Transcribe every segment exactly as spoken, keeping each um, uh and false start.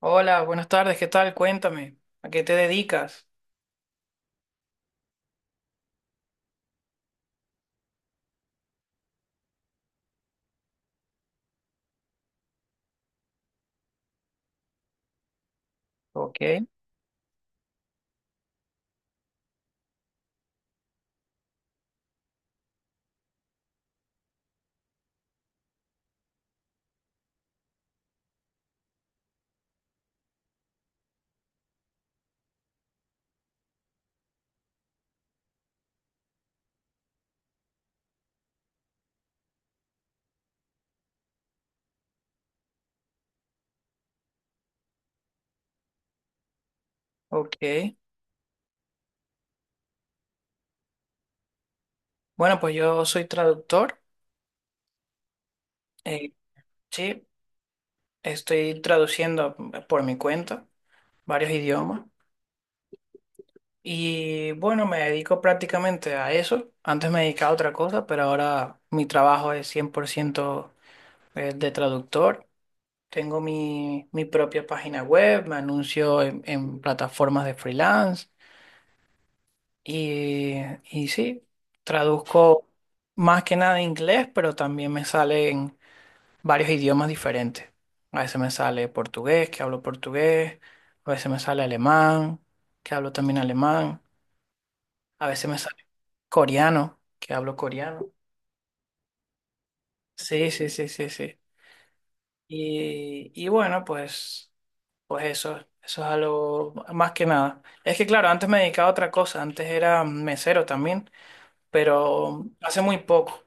Hola, buenas tardes, ¿qué tal? Cuéntame, ¿a qué te dedicas? Ok, ok. Bueno, pues yo soy traductor, eh, sí, estoy traduciendo por mi cuenta varios idiomas y bueno, me dedico prácticamente a eso. Antes me dedicaba a otra cosa, pero ahora mi trabajo es cien por ciento de traductor. Tengo mi, mi propia página web, me anuncio en en plataformas de freelance. Y, y sí, traduzco más que nada inglés, pero también me salen varios idiomas diferentes. A veces me sale portugués, que hablo portugués, a veces me sale alemán, que hablo también alemán, a veces me sale coreano, que hablo coreano. Sí, sí, sí, sí, sí. Y, y bueno, pues, pues eso, eso es algo más que nada. Es que claro, antes me dedicaba a otra cosa, antes era mesero también, pero hace muy poco.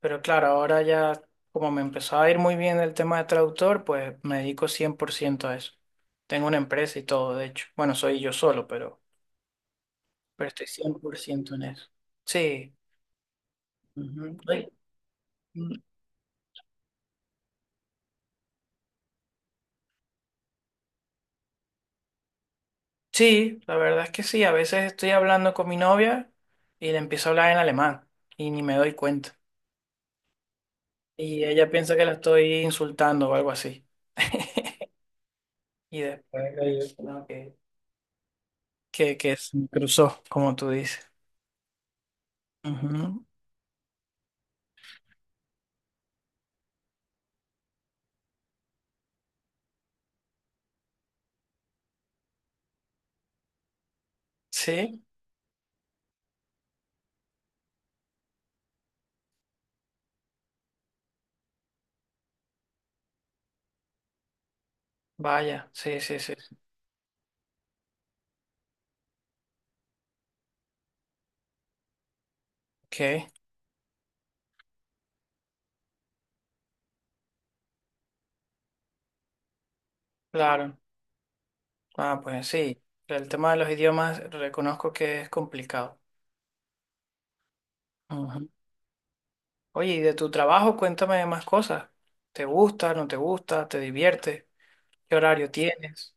Pero claro, ahora ya como me empezó a ir muy bien el tema de traductor, pues me dedico cien por ciento a eso. Tengo una empresa y todo, de hecho. Bueno, soy yo solo, pero, pero estoy cien por ciento en eso. Sí. Ujú. Ay, mm, Sí, la verdad es que sí. A veces estoy hablando con mi novia y le empiezo a hablar en alemán y ni me doy cuenta. Y ella piensa que la estoy insultando o algo así. Y después le digo, no, que, que, que se me cruzó, como tú dices. Ujú. Sí. Vaya, sí, sí, sí. Ok, claro. Ah, pues sí. El tema de los idiomas reconozco que es complicado. Ujú. Oye, y de tu trabajo, cuéntame más cosas. ¿Te gusta, no te gusta, te divierte? ¿Qué horario tienes?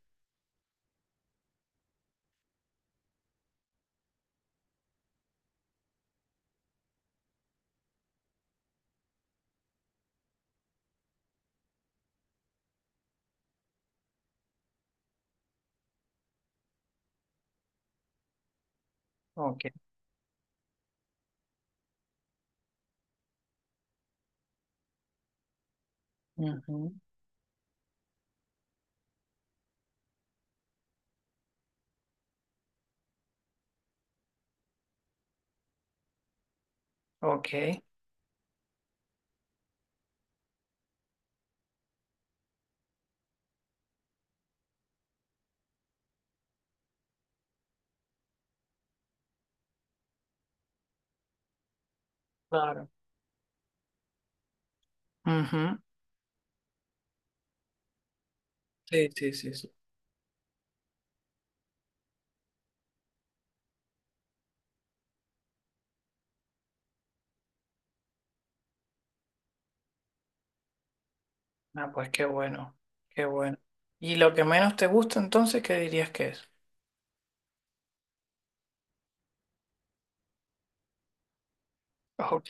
Ok. Ujú. Ok, claro. Ujú. Sí, sí, sí, sí. Ah, pues qué bueno, qué bueno. ¿Y lo que menos te gusta entonces, qué dirías que es? Ok,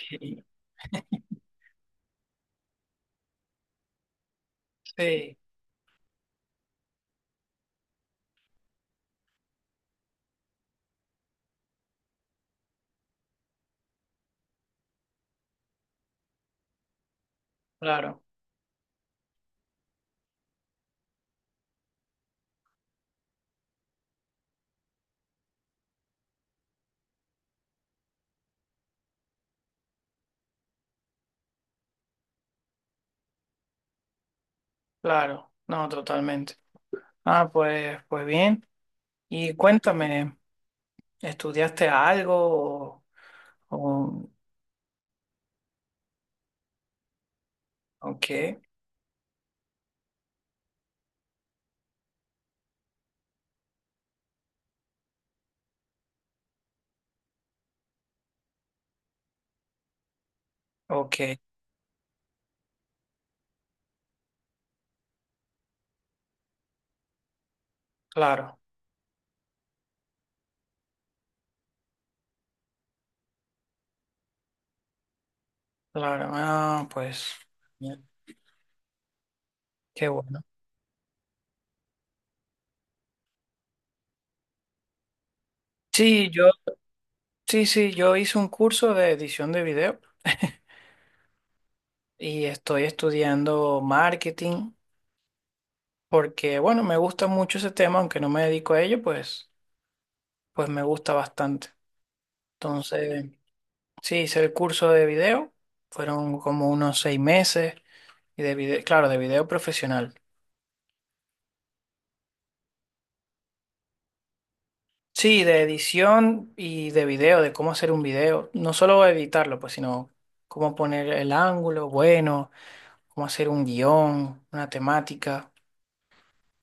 sí, claro, claro, no, totalmente. Ah, pues, pues bien. Y cuéntame, ¿estudiaste algo o, o, o qué? Ok, claro, claro. Ah, pues, bien, qué bueno. Sí, yo, sí, sí, yo hice un curso de edición de video y estoy estudiando marketing porque, bueno, me gusta mucho ese tema, aunque no me dedico a ello, pues, pues me gusta bastante. Entonces, sí, hice el curso de video, fueron como unos seis meses y de video, claro, de video profesional. Sí, de edición y de video, de cómo hacer un video. No solo editarlo, pues, sino cómo poner el ángulo bueno, cómo hacer un guión, una temática,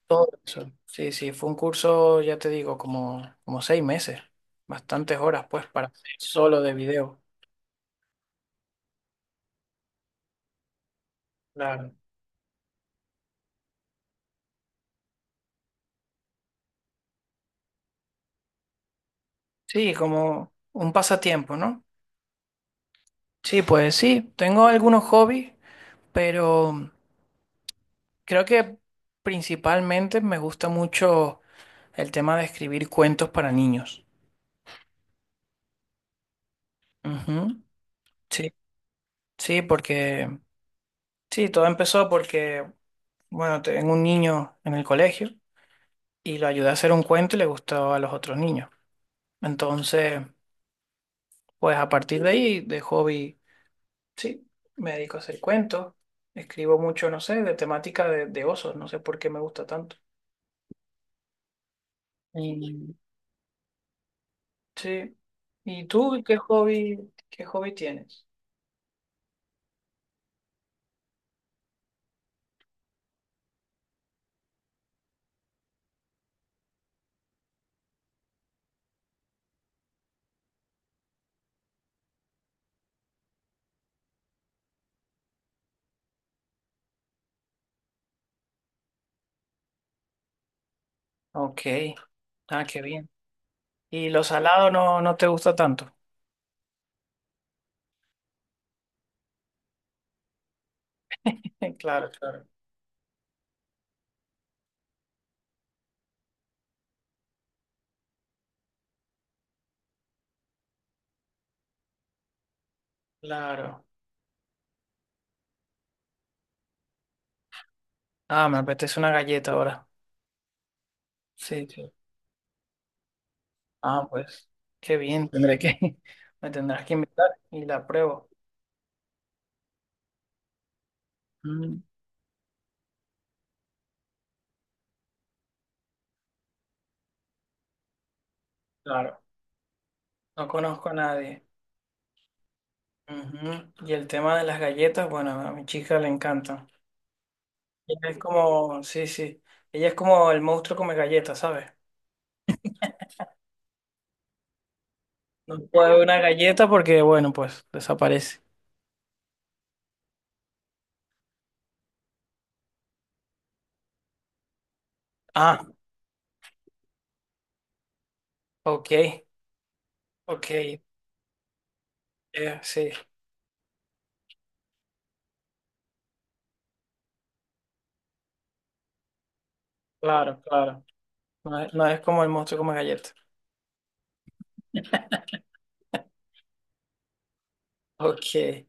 todo eso. Sí, sí, fue un curso, ya te digo, como, como seis meses, bastantes horas, pues, para hacer solo de video. Claro. Sí, como un pasatiempo, ¿no? Sí, pues sí, tengo algunos hobbies, pero Creo que principalmente me gusta mucho el tema de escribir cuentos para niños. Ujú. Sí, sí, porque sí, todo empezó porque, bueno, tengo un niño en el colegio y lo ayudé a hacer un cuento y le gustó a los otros niños. Entonces, pues a partir de ahí, de hobby, sí, me dedico a hacer cuentos. Escribo mucho, no sé, de temática de, de, osos, no sé por qué me gusta tanto. Y, sí. ¿Y tú qué hobby, qué hobby tienes? Ok. Ah, qué bien. ¿Y lo salado no, no te gusta tanto? Claro, claro, claro. Ah, me apetece una galleta ahora. Sí, sí. Ah, pues, qué bien. Tendré que. Me tendrás que invitar y la pruebo. Mm, claro, no conozco a nadie. Ujú. Y el tema de las galletas, bueno, a mi chica le encanta. Ella es como, sí, sí. Ella es como el monstruo come galletas, ¿sabes? No puede haber una galleta porque, bueno, pues desaparece. Ah, ok, ok. Eh, sí, claro, claro. No es, no es como el monstruo como galleta. Ok,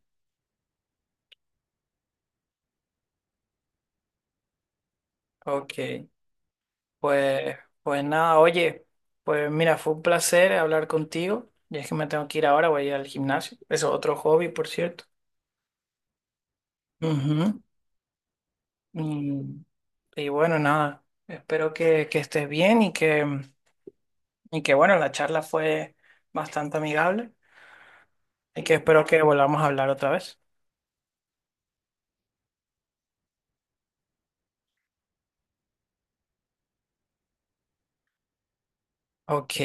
ok. Pues, pues nada, oye, pues mira, fue un placer hablar contigo. Y es que me tengo que ir ahora, voy a ir al gimnasio. Eso Es otro hobby, por cierto. Ujú. Mm, Y, bueno, nada, espero que, que estés bien y que, y que, bueno, la charla fue bastante amigable y que espero que volvamos a hablar otra vez. Ok,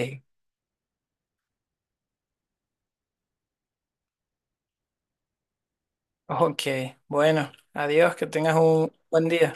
ok. Bueno, adiós, que tengas un buen día.